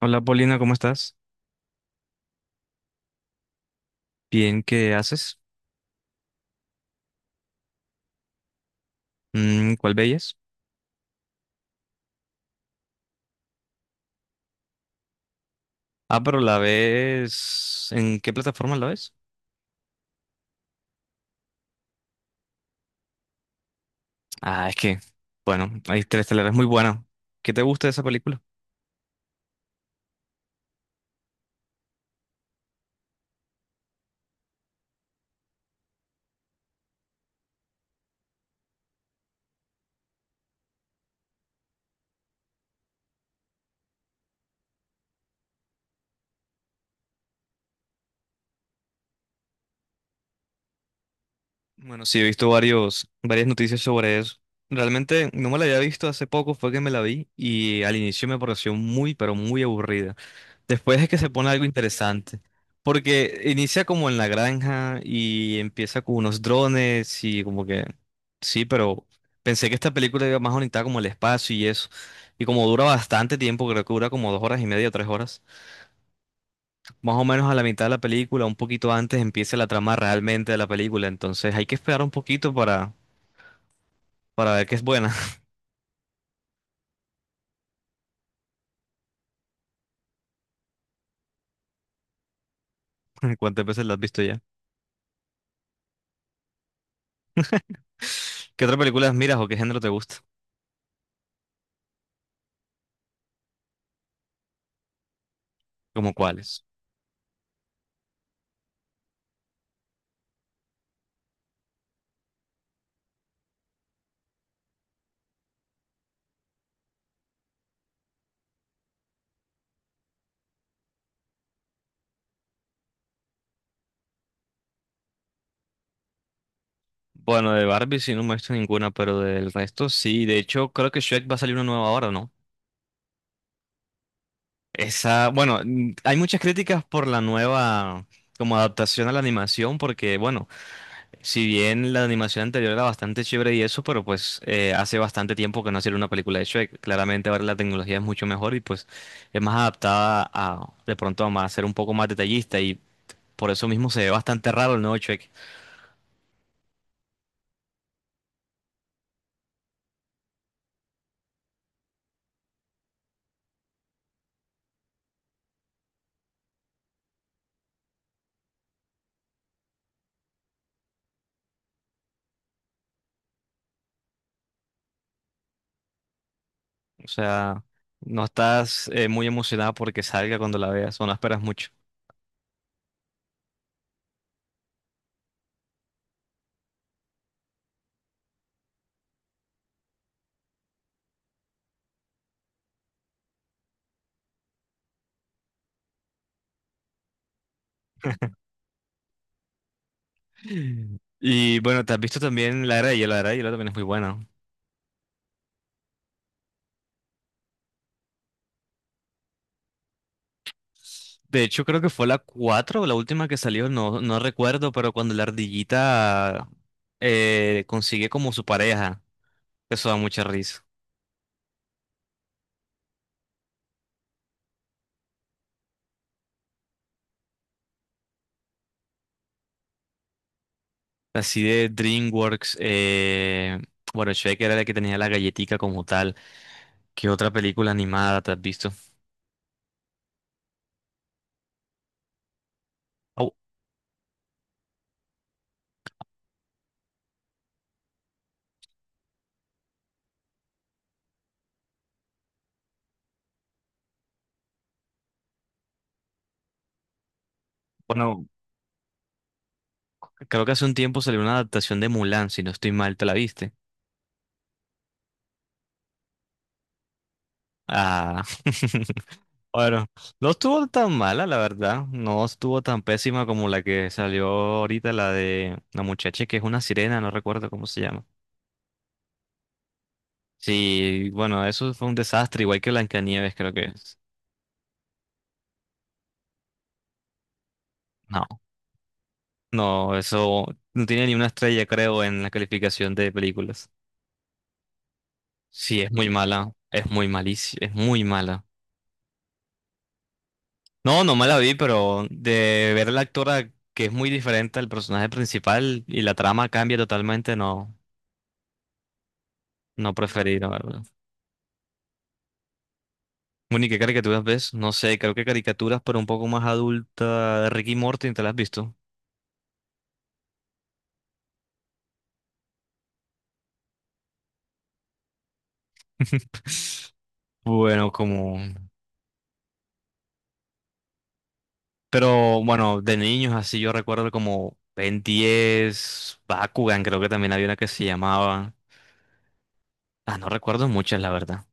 Hola Paulina, ¿cómo estás? Bien, ¿qué haces? ¿Cuál veías? Pero la ves... ¿En qué plataforma la ves? Ah, es que, bueno, hay tres es muy buena. ¿Qué te gusta de esa película? Bueno, sí, he visto varias noticias sobre eso. Realmente no me la había visto hace poco, fue que me la vi y al inicio me pareció muy, pero muy aburrida. Después es que se pone algo interesante, porque inicia como en la granja y empieza con unos drones y como que, sí, pero pensé que esta película iba más bonita como el espacio y eso. Y como dura bastante tiempo, creo que dura como dos horas y media o tres horas, más o menos a la mitad de la película, un poquito antes empieza la trama realmente de la película, entonces hay que esperar un poquito para ver qué es buena. ¿Cuántas veces la has visto ya? ¿Qué otras películas miras o qué género te gusta? ¿Como cuáles? Bueno, de Barbie sí no me he visto ninguna, pero del resto sí. De hecho, creo que Shrek va a salir una nueva ahora, ¿no? Hay muchas críticas por la nueva como adaptación a la animación, porque bueno, si bien la animación anterior era bastante chévere y eso, pero pues hace bastante tiempo que no hacía una película de Shrek. Claramente ahora la tecnología es mucho mejor y pues es más adaptada a de pronto a más, ser un poco más detallista y por eso mismo se ve bastante raro el nuevo Shrek. O sea, no estás muy emocionada porque salga cuando la veas, o no esperas mucho. Y bueno, te has visto también La Era de Hielo, La Era de Hielo también es muy buena. De hecho, creo que fue la 4 la última que salió, no, no recuerdo, pero cuando la ardillita consigue como su pareja, eso da mucha risa. Así de DreamWorks, bueno, Shrek era la que tenía la galletica como tal. ¿Qué otra película animada te has visto? Au, bueno, creo que hace un tiempo salió una adaptación de Mulan, si no estoy mal, ¿te la viste? Ah. Bueno, no estuvo tan mala, la verdad. No estuvo tan pésima como la que salió ahorita, la de la muchacha que es una sirena, no recuerdo cómo se llama. Sí, bueno, eso fue un desastre, igual que Blancanieves, creo que es. No, no, eso no tiene ni una estrella, creo, en la calificación de películas. Sí, es muy mala, es muy malísima, es muy mala. No, no me la vi, pero de ver a la actora que es muy diferente al personaje principal y la trama cambia totalmente, no, no preferí, la verdad. Bueno, ¿y qué caricaturas ves? No sé, creo que caricaturas, pero un poco más adulta. Ricky y Morty, ¿te las has visto? Bueno, como... Pero bueno, de niños así yo recuerdo como Ben 10, Bakugan, creo que también había una que se llamaba... Ah, no recuerdo muchas, la verdad.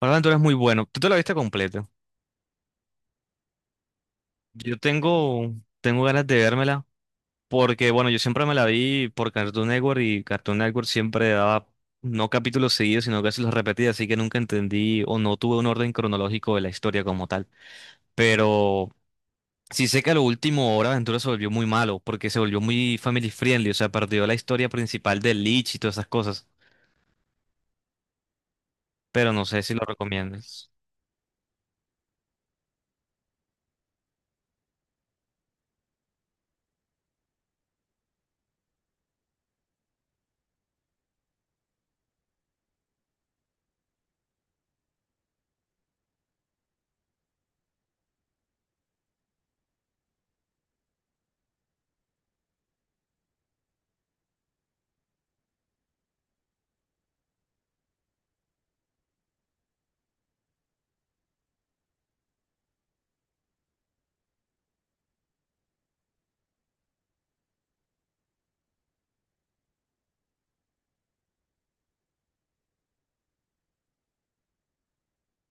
Ahora tú eres muy bueno. ¿Tú te la viste completa? Yo tengo, tengo ganas de vérmela, porque bueno, yo siempre me la vi por Cartoon Network y Cartoon Network siempre daba no capítulos seguidos, sino que se los repetía, así que nunca entendí o no tuve un orden cronológico de la historia como tal. Pero sí sé que a lo último Hora de Aventura se volvió muy malo, porque se volvió muy family friendly, o sea, perdió la historia principal de Lich y todas esas cosas, pero no sé si lo recomiendas.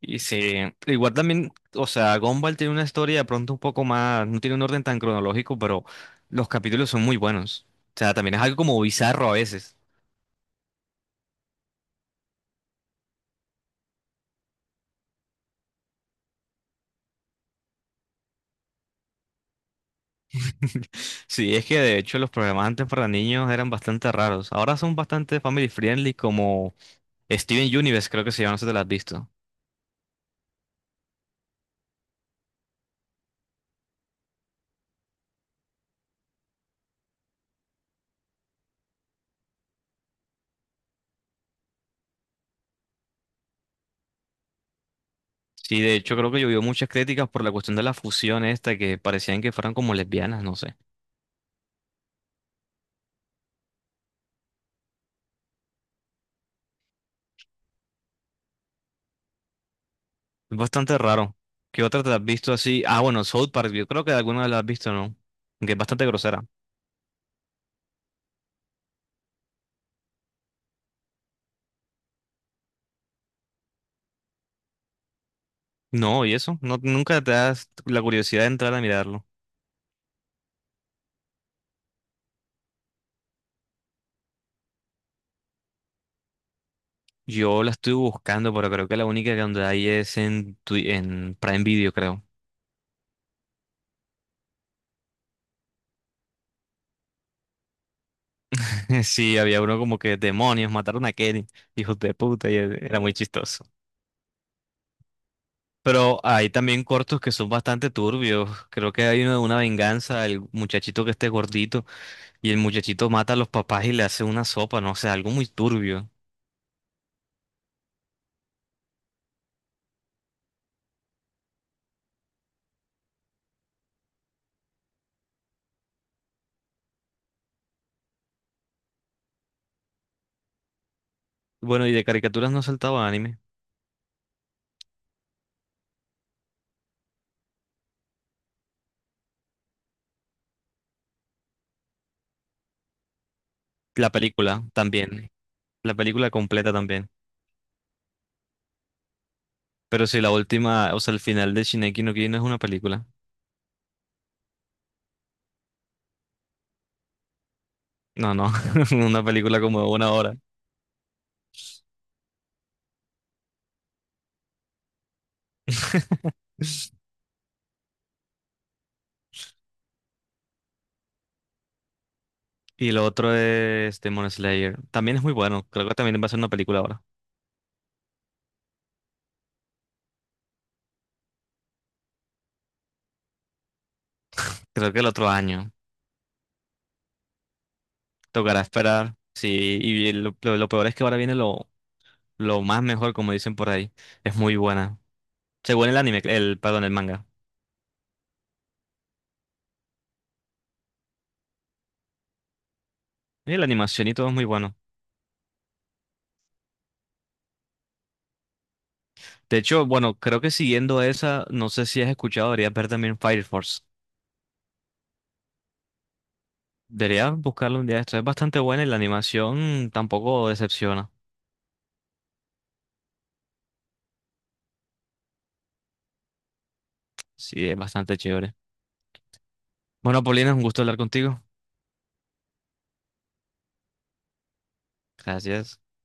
Y sí, igual también, o sea, Gumball tiene una historia de pronto un poco más, no tiene un orden tan cronológico, pero los capítulos son muy buenos. O sea, también es algo como bizarro a veces. Sí, es que de hecho los programas antes para niños eran bastante raros. Ahora son bastante family friendly, como Steven Universe, creo que se llama, no sé si te lo has visto. Sí, de hecho creo que llovió muchas críticas por la cuestión de la fusión esta, que parecían que fueran como lesbianas, no sé. Es bastante raro. ¿Qué otra te has visto así? Ah, bueno, South Park, yo creo que alguna la has visto, ¿no? Que es bastante grosera. No, ¿y eso? No, nunca te das la curiosidad de entrar a mirarlo. Yo la estoy buscando, pero creo que la única que donde hay es en, en Prime Video, creo. Sí, había uno como que demonios, mataron a Kenny, hijos de puta, y era muy chistoso. Pero hay también cortos que son bastante turbios. Creo que hay uno de una venganza, el muchachito que esté gordito y el muchachito mata a los papás y le hace una sopa, no sé, algo muy turbio. Bueno, y de caricaturas no saltaba anime. La película también, la película completa también. Pero si la última, o sea, el final de Shingeki no Kyojin no es una película. No, no, una película como de una hora. Y lo otro es Demon Slayer. También es muy bueno. Creo que también va a ser una película ahora. Creo que el otro año. Tocará esperar, sí, y lo peor es que ahora viene lo más mejor, como dicen por ahí. Es muy buena. Según el anime, el, perdón, el manga. Y la animación y todo es muy bueno. De hecho, bueno, creo que siguiendo esa, no sé si has escuchado, deberías ver también Fire Force. Deberías buscarlo un día. Esto es bastante buena y la animación tampoco decepciona. Sí, es bastante chévere. Bueno, Paulina, un gusto hablar contigo. Gracias.